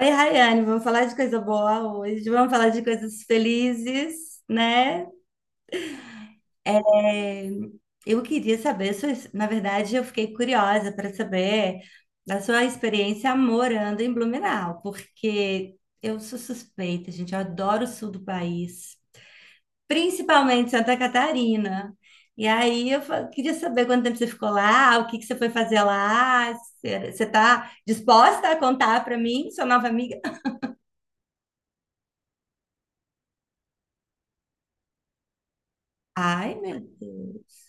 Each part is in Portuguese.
Oi, Rayane, vamos falar de coisa boa hoje, vamos falar de coisas felizes, né? É, eu queria saber, eu fiquei curiosa para saber da sua experiência morando em Blumenau, porque eu sou suspeita, gente, eu adoro o sul do país, principalmente Santa Catarina. E aí queria saber quanto tempo você ficou lá, o que que você foi fazer lá, você está disposta a contar para mim, sua nova amiga? Ai, meu Deus.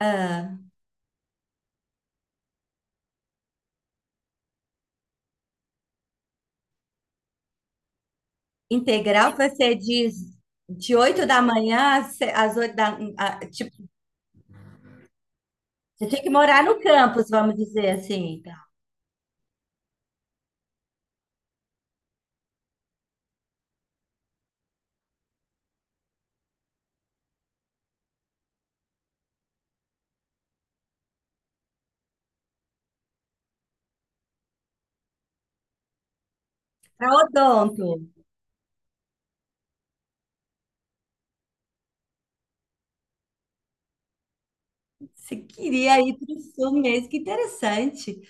Ah, integral, você diz, de 8 da manhã às às 8 da... tipo, você tinha que morar no campus, vamos dizer assim, para odonto. Você queria ir para o sul mesmo, que interessante.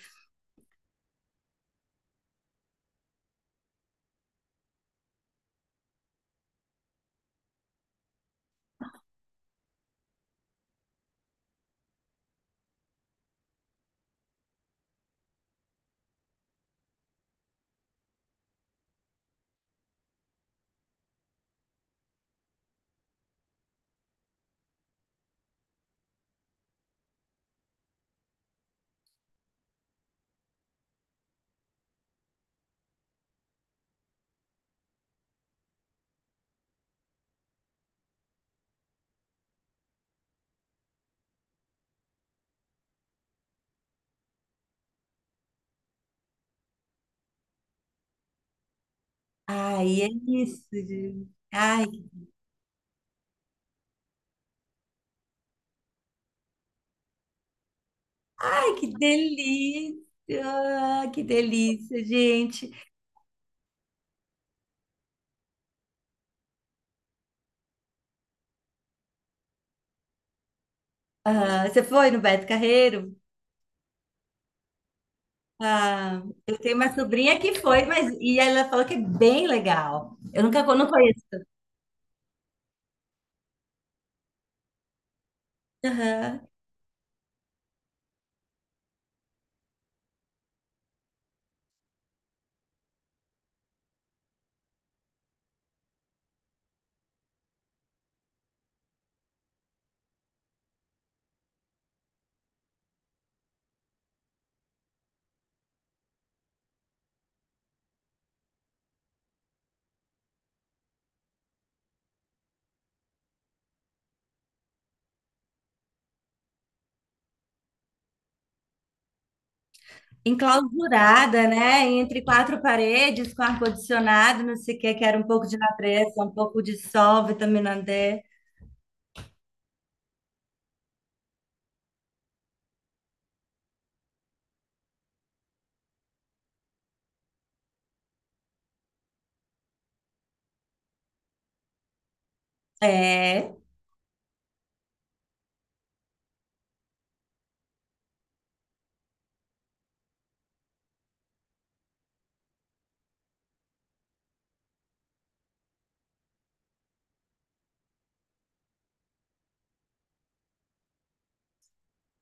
Ai, é isso, gente. Ai, ai, que delícia! Que delícia, gente. Ah, você foi no Beto Carreiro? Ah, eu tenho uma sobrinha que foi, mas e ela falou que é bem legal. Eu nunca não conheço. Aham. Enclausurada, né? Entre quatro paredes, com ar-condicionado, não sei o que, quero um pouco de natureza, um pouco de sol, vitamina D. É,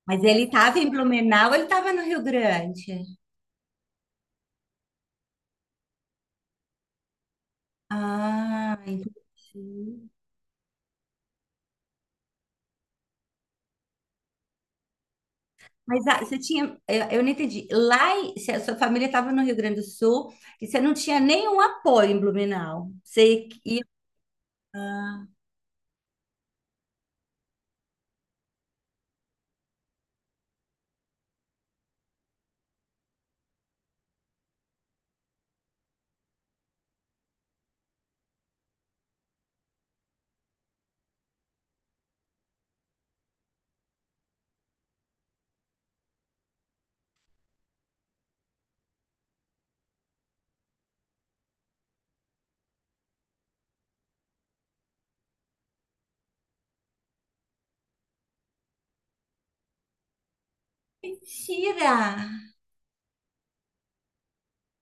mas ele estava em Blumenau, ou ele estava no Rio Grande? Ah, entendi. Mas ah, você tinha, eu não entendi. Lá, se a sua família estava no Rio Grande do Sul e você não tinha nenhum apoio em Blumenau, você ia... Ah. Mentira!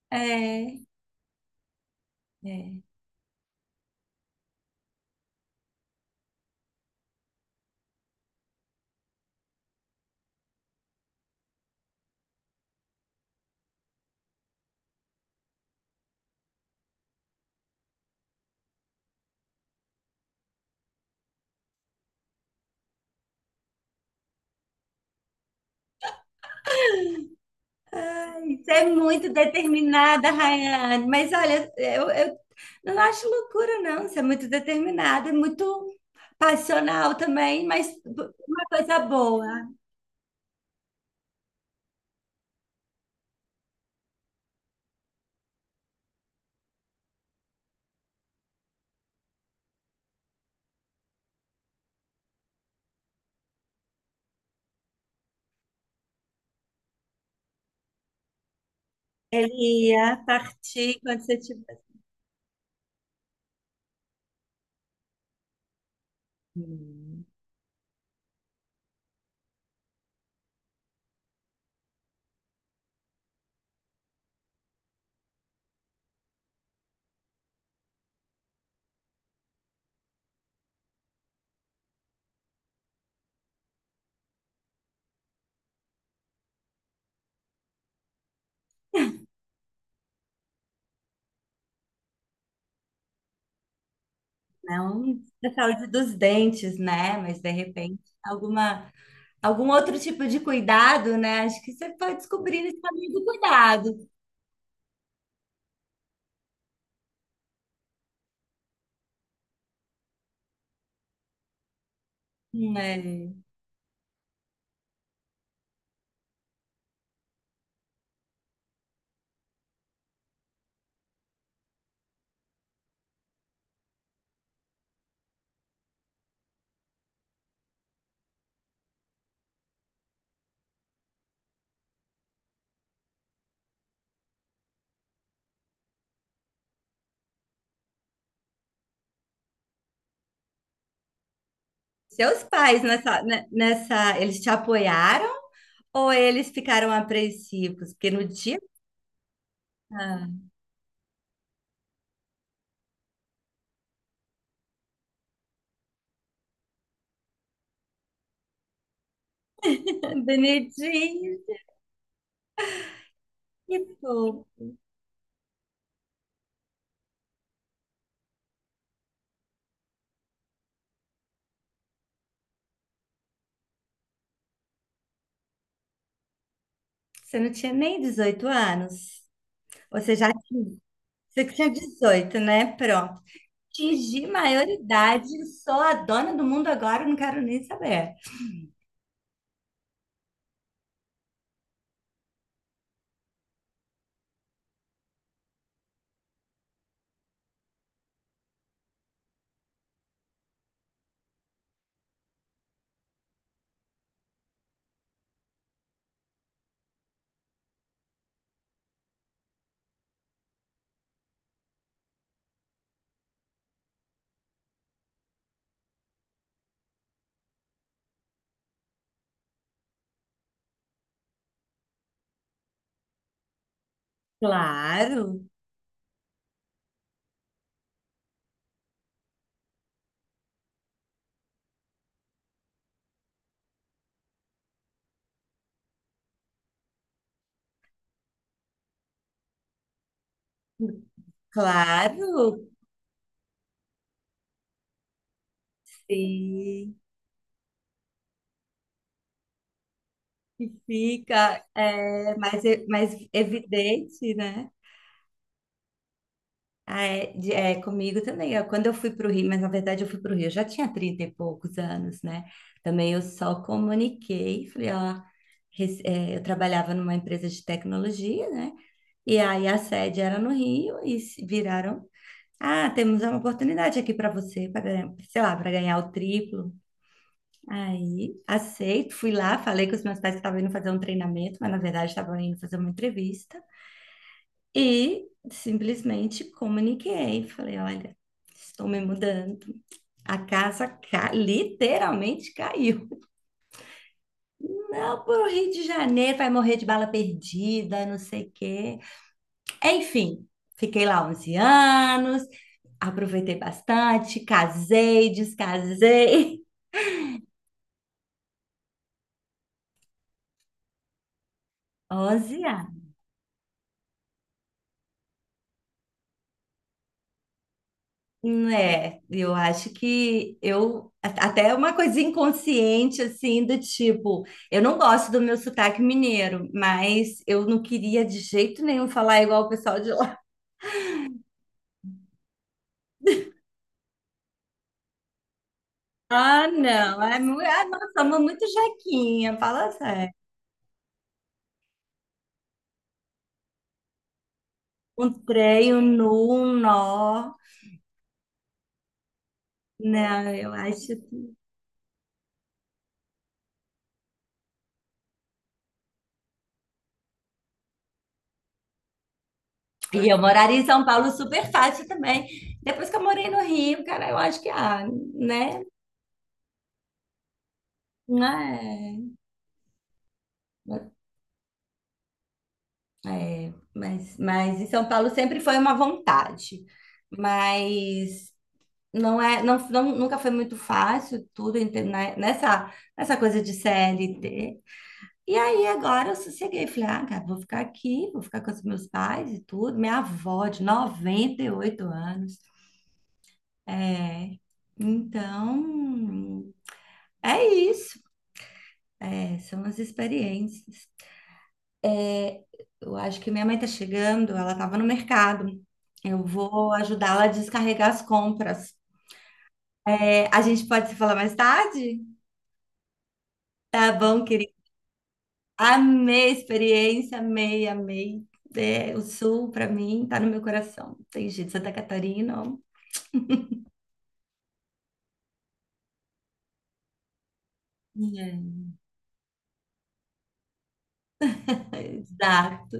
É, é. Você é muito determinada, Rayane. Mas olha, eu não acho loucura, não. Você é muito determinada, é muito passional também, mas uma coisa boa. E a partir quando você tiver... Assim... Não da saúde dos dentes, né? Mas de repente, alguma, algum outro tipo de cuidado, né? Acho que você pode descobrir nesse caminho do cuidado. Né? Seus pais nessa, eles te apoiaram ou eles ficaram apreensivos? Porque no dia... Ah. Benedinho, isso. Você não tinha nem 18 anos. Você já Você tinha 18, né? Pronto. Atingi maioridade, sou a dona do mundo agora, não quero nem saber. Claro, claro, sim, fica mais, mais evidente, né? Ah, é, é, comigo também. Quando eu fui para o Rio, mas na verdade eu fui para o Rio, eu já tinha 30 e poucos anos, né? Também eu só comuniquei, falei, ó, eu trabalhava numa empresa de tecnologia, né? E aí a sede era no Rio e se viraram: ah, temos uma oportunidade aqui para você, para ganhar, sei lá, para ganhar o triplo. Aí aceito, fui lá, falei com os meus pais que estavam indo fazer um treinamento, mas na verdade estavam indo fazer uma entrevista. E simplesmente comuniquei, falei: olha, estou me mudando. A casa literalmente caiu. Não, pro Rio de Janeiro vai morrer de bala perdida, não sei o quê. Enfim, fiquei lá 11 anos, aproveitei bastante, casei, descasei. Onze. Né, eu acho que até uma coisa inconsciente, assim, do tipo, eu não gosto do meu sotaque mineiro, mas eu não queria de jeito nenhum falar igual o pessoal de lá. Ah, não, nós somos muito jequinha, fala sério. Um trem, um nu, um nó. Não, eu acho que... E eu moraria em São Paulo super fácil também. Depois que eu morei no Rio, cara, eu acho que, ah, né? Não é? É, mas em São Paulo sempre foi uma vontade, mas não é, nunca foi muito fácil tudo, né, nessa, nessa coisa de CLT. E aí agora eu sosseguei, falei: ah, cara, vou ficar aqui, vou ficar com os meus pais e tudo. Minha avó de 98 anos. É, então, é isso. É, são as experiências. Eu acho que minha mãe tá chegando, ela tava no mercado. Eu vou ajudá-la a descarregar as compras. É, a gente pode se falar mais tarde? Tá bom, querida. Amei a experiência, amei, amei. É, o sul, para mim, tá no meu coração. Tem jeito, Santa Catarina. Ó. É, exato.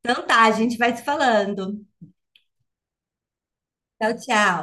Então tá, a gente vai se falando. Tchau, tchau.